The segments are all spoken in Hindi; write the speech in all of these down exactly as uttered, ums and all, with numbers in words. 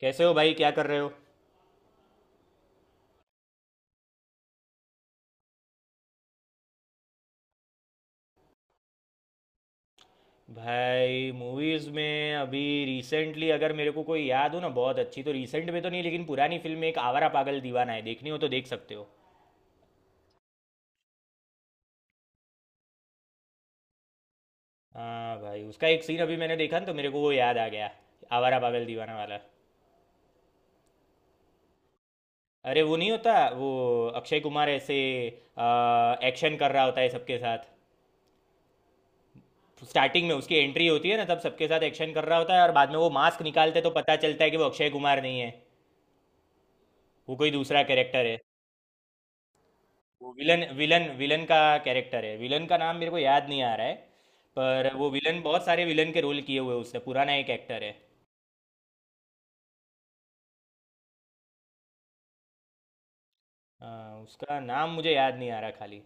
कैसे हो भाई? क्या कर रहे हो? भाई मूवीज़ में अभी रिसेंटली अगर मेरे को कोई याद हो ना बहुत अच्छी, तो रिसेंट में तो नहीं लेकिन पुरानी फिल्म में एक आवारा पागल दीवाना है। देखनी हो तो देख सकते हो। हाँ भाई, उसका एक सीन अभी मैंने देखा ना तो मेरे को वो याद आ गया। आवारा पागल दीवाना वाला। अरे वो नहीं होता वो, अक्षय कुमार ऐसे एक्शन कर रहा होता है सबके साथ। स्टार्टिंग में उसकी एंट्री होती है ना, तब सबके साथ एक्शन कर रहा होता है, और बाद में वो मास्क निकालते तो पता चलता है कि वो अक्षय कुमार नहीं है। वो कोई दूसरा कैरेक्टर है। वो विलन विलन विलन का कैरेक्टर है। विलन का नाम मेरे को याद नहीं आ रहा है, पर वो विलन बहुत सारे विलन के रोल किए हुए हैं उसने, पुराना एक एक्टर है। हाँ, उसका नाम मुझे याद नहीं आ रहा खाली।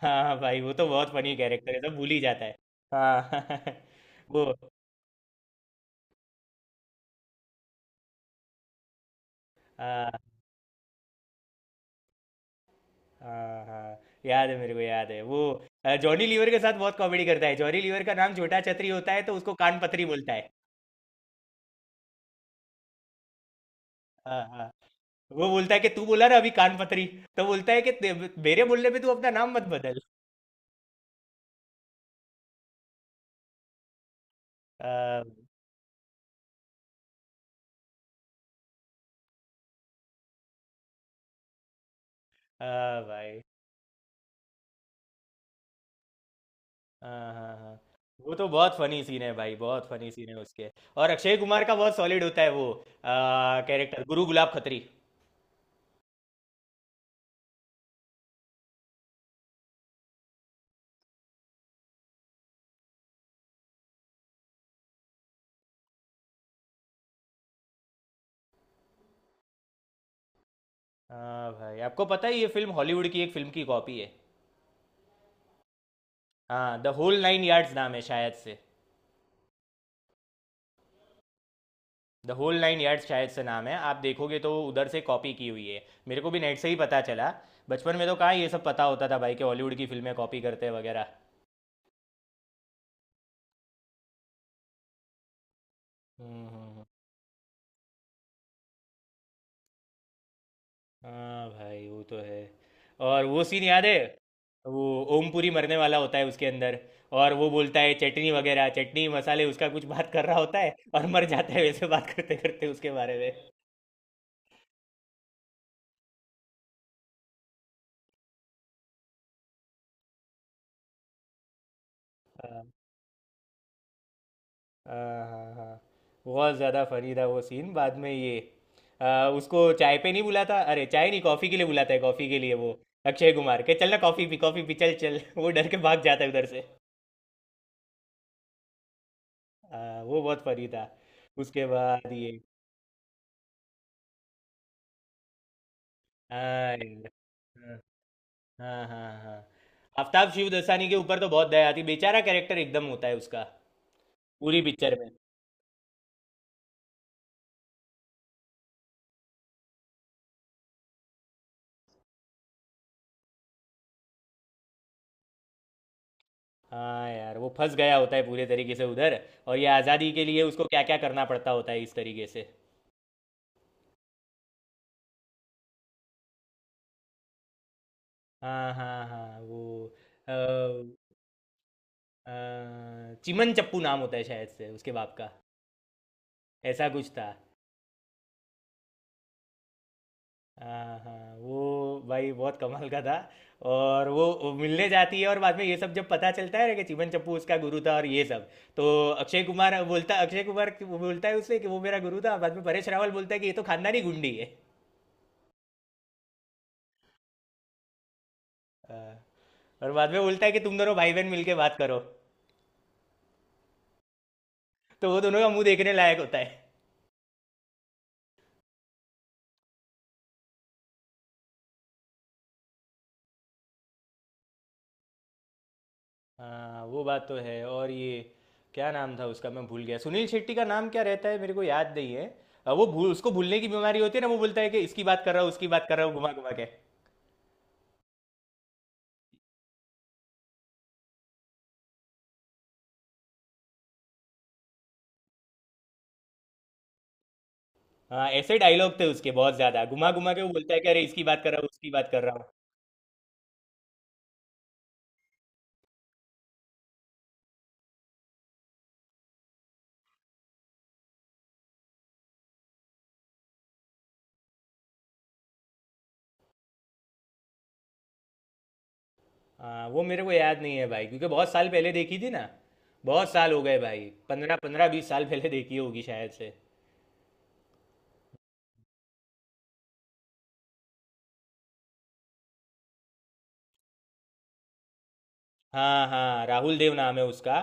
हाँ हाँ भाई, वो तो बहुत फनी कैरेक्टर है, सब भूल ही जाता है। हाँ। वो हाँ हाँ हाँ, याद है, मेरे को याद है वो। अ, जॉनी लीवर के साथ बहुत कॉमेडी करता है। जॉनी लीवर का नाम छोटा छतरी होता है तो उसको कान पतरी बोलता है। हाँ हाँ, वो बोलता है कि तू बोला ना अभी कान पतरी, तो बोलता है कि ते- मेरे बोलने पे तू अपना नाम मत बदल। हाँ हाँ भाई। हाँ हाँ हाँ, वो तो बहुत फनी सीन है भाई, बहुत फनी सीन है उसके। और अक्षय कुमार का बहुत सॉलिड होता है वो कैरेक्टर, गुरु गुलाब खत्री। हाँ भाई, आपको पता है ये फिल्म हॉलीवुड की एक फिल्म की कॉपी है? हाँ, द होल नाइन यार्ड्स नाम है शायद से। द होल नाइन यार्ड्स शायद से नाम है। आप देखोगे तो उधर से कॉपी की हुई है। मेरे को भी नेट से ही पता चला। बचपन में तो कहाँ ये सब पता होता था भाई कि हॉलीवुड की फिल्में कॉपी करते हैं वगैरह। हम्म हम्म, हम्म। हाँ भाई, वो तो है। और वो सीन याद है? वो ओमपुरी मरने वाला होता है उसके अंदर, और वो बोलता है चटनी वगैरह, चटनी मसाले उसका कुछ बात कर रहा होता है और मर जाता है, वैसे बात करते करते उसके बारे में। हाँ हाँ हाँ हाँ। बहुत ज़्यादा फनी था वो सीन। बाद में ये आ, उसको चाय पे नहीं बुलाता, अरे चाय नहीं कॉफ़ी के लिए बुलाता है, कॉफ़ी के लिए वो अक्षय कुमार के, चल ना कॉफ़ी पी, कॉफ़ी पी, चल चल, वो डर के भाग जाता है उधर से। हाँ, वो बहुत फनी था। उसके बाद ये हाँ यार, हाँ हाँ हाँ, आफ्ताब शिवदसानी के ऊपर तो बहुत दया आती, बेचारा कैरेक्टर एकदम होता है उसका पूरी पिक्चर में। हाँ यार, वो फंस गया होता है पूरे तरीके से उधर, और ये आज़ादी के लिए उसको क्या क्या करना पड़ता होता है इस तरीके से। हाँ हाँ हाँ वो अ, अ, चिमन चप्पू नाम होता है शायद से उसके बाप का। ऐसा कुछ था। हाँ हाँ, वो भाई बहुत कमाल का था। और वो वो मिलने जाती है और बाद में ये सब जब पता चलता है ना कि चिमन चप्पू उसका गुरु था और ये सब, तो अक्षय कुमार बोलता अक्षय कुमार कि- वो बोलता है उससे कि वो मेरा गुरु था। बाद में परेश रावल बोलता है कि ये तो खानदानी गुंडी है। हाँ, और बाद में बोलता है कि तुम दोनों भाई बहन मिलके बात करो। तो वो दोनों का मुंह देखने लायक होता है। हाँ, वो बात तो है। और ये क्या नाम था उसका, मैं भूल गया। सुनील शेट्टी का नाम क्या रहता है मेरे को याद नहीं है। अ, वो भूल उसको भूलने की बीमारी होती है ना, वो बोलता है कि इसकी बात कर रहा हूँ उसकी बात कर रहा हूँ घुमा घुमा के। हाँ, ऐसे डायलॉग थे उसके बहुत ज्यादा, घुमा घुमा के वो बोलता है कि अरे इसकी बात कर रहा हूँ उसकी बात कर रहा हूँ। हाँ, वो मेरे को याद नहीं है भाई, क्योंकि बहुत साल पहले देखी थी ना। बहुत साल हो गए भाई, पंद्रह पंद्रह बीस साल पहले देखी होगी शायद से। हाँ हाँ, राहुल देव नाम है उसका।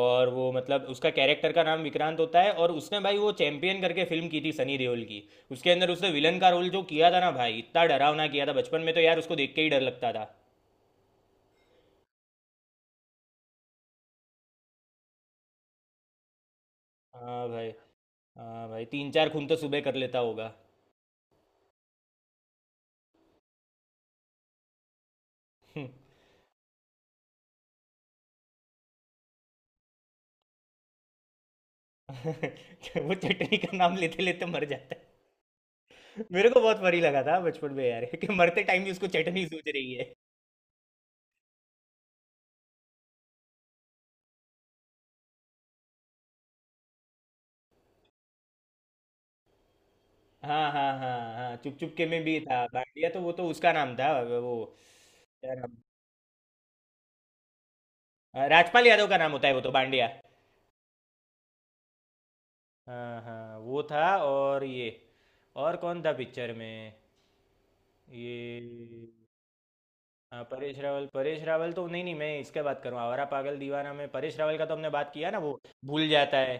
और वो मतलब उसका कैरेक्टर का नाम विक्रांत होता है, और उसने भाई वो चैंपियन करके फिल्म की थी सनी देओल की, उसके अंदर उसने विलन का रोल जो किया था ना भाई, इतना डरावना किया था, बचपन में तो यार उसको देख के ही डर लगता था। हाँ भाई। हाँ भाई, तीन चार खून तो सुबह कर लेता होगा। वो चटनी का नाम लेते लेते मर जाता है, मेरे को बहुत फनी लगा था बचपन में यार कि मरते टाइम भी उसको चटनी सूझ रही है। हाँ हाँ हाँ हाँ, चुप चुप के में भी था बांडिया, तो वो तो उसका नाम था वो। क्या नाम? हाँ, राजपाल यादव का नाम होता है वो तो, बांडिया। हाँ हाँ, वो था। और ये और कौन था पिक्चर में? ये हाँ परेश रावल, परेश रावल तो, नहीं नहीं, मैं इसके बात करूँ आवारा पागल दीवाना में परेश रावल का तो हमने बात किया ना, वो भूल जाता है।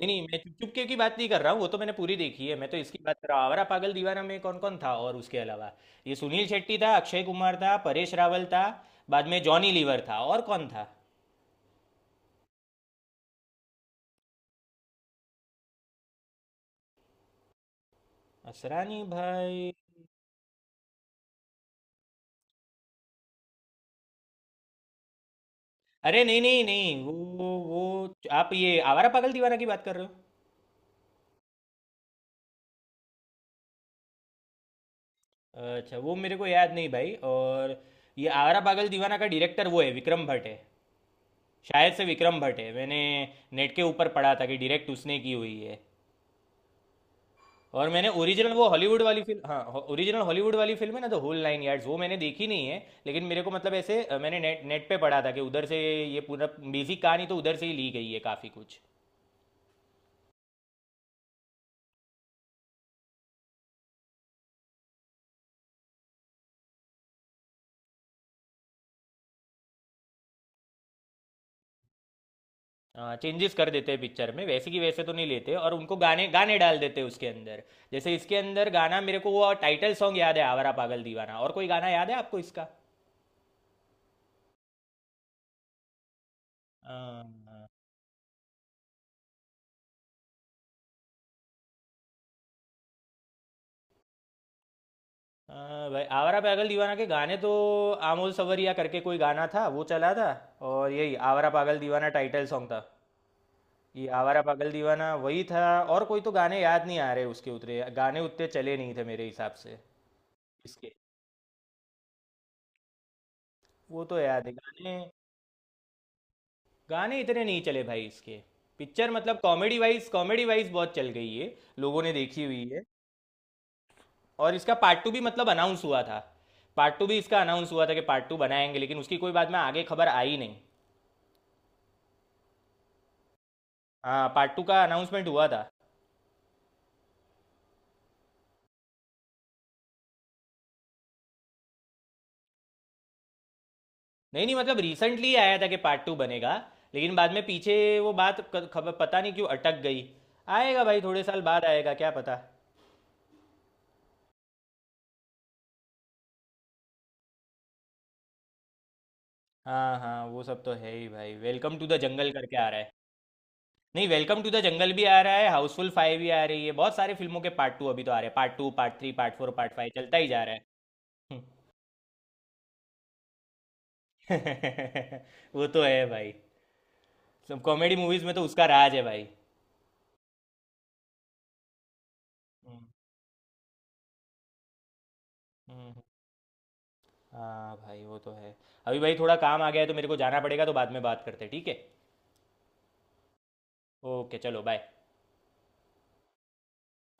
नहीं नहीं, मैं चुप चुप के की बात नहीं कर रहा हूँ, वो तो मैंने पूरी देखी है। मैं तो इसकी बात कर रहा हूँ, आवारा पागल दीवाना में कौन कौन था और उसके अलावा। ये सुनील शेट्टी था, अक्षय कुमार था, परेश रावल था, बाद में जॉनी लीवर था, और कौन था? असरानी भाई? अरे नहीं नहीं नहीं, वो वो आप ये आवारा पागल दीवाना की बात कर रहे हो? अच्छा, वो मेरे को याद नहीं भाई। और ये आवारा पागल दीवाना का डायरेक्टर वो है विक्रम भट्ट है, शायद से विक्रम भट्ट है। मैंने नेट के ऊपर पढ़ा था कि डायरेक्ट उसने की हुई है। और मैंने ओरिजिनल वो हॉलीवुड वाली फिल्म, हाँ ओरिजिनल हॉलीवुड वाली फिल्म है ना द होल नाइन यार्ड्स, वो मैंने देखी नहीं है। लेकिन मेरे को मतलब ऐसे अ, मैंने नेट नेट पे पढ़ा था कि उधर से ये पूरा बेसिक कहानी तो उधर से ही ली गई है काफ़ी कुछ। चेंजेस कर देते हैं पिक्चर में, वैसे की वैसे तो नहीं लेते, और उनको गाने गाने डाल देते हैं उसके अंदर। जैसे इसके अंदर गाना, मेरे को वो टाइटल सॉन्ग याद है, आवारा पागल दीवाना, और कोई गाना याद है आपको इसका? हाँ, हाँ, भाई आवारा पागल दीवाना के गाने तो, आमोल सवरिया करके कोई गाना था वो चला था, और यही आवारा पागल दीवाना टाइटल सॉन्ग था। ये आवारा पागल दीवाना वही था। और कोई तो गाने याद नहीं आ रहे उसके, उतरे गाने उतने चले नहीं थे मेरे हिसाब से इसके। वो तो याद है गाने, गाने इतने नहीं चले भाई इसके। पिक्चर मतलब कॉमेडी वाइज, कॉमेडी वाइज बहुत चल गई है, लोगों ने देखी हुई है। और इसका पार्ट टू भी मतलब अनाउंस हुआ था, पार्ट टू भी इसका अनाउंस हुआ था कि पार्ट टू बनाएंगे, लेकिन उसकी कोई बाद में आगे खबर आई नहीं। हाँ, पार्ट टू का अनाउंसमेंट हुआ था। नहीं नहीं, मतलब रिसेंटली आया था कि पार्ट टू बनेगा, लेकिन बाद में पीछे वो बात क- खबर पता नहीं क्यों अटक गई। आएगा भाई, थोड़े साल बाद आएगा क्या पता। हाँ हाँ, वो सब तो है ही भाई, वेलकम टू द जंगल करके आ रहा है। नहीं, वेलकम टू द जंगल भी आ रहा है, हाउसफुल फाइव भी आ रही है, बहुत सारे फिल्मों के पार्ट टू अभी तो आ रहे हैं, part two, part three, part four, part five चलता ही जा रहा है। वो तो है भाई, सब कॉमेडी मूवीज में तो उसका राज है भाई। हम्म, हम्म। हाँ भाई वो तो है। अभी भाई थोड़ा काम आ गया है तो मेरे को जाना पड़ेगा, तो बाद में बात करते हैं, ठीक है? ओके चलो, बाय।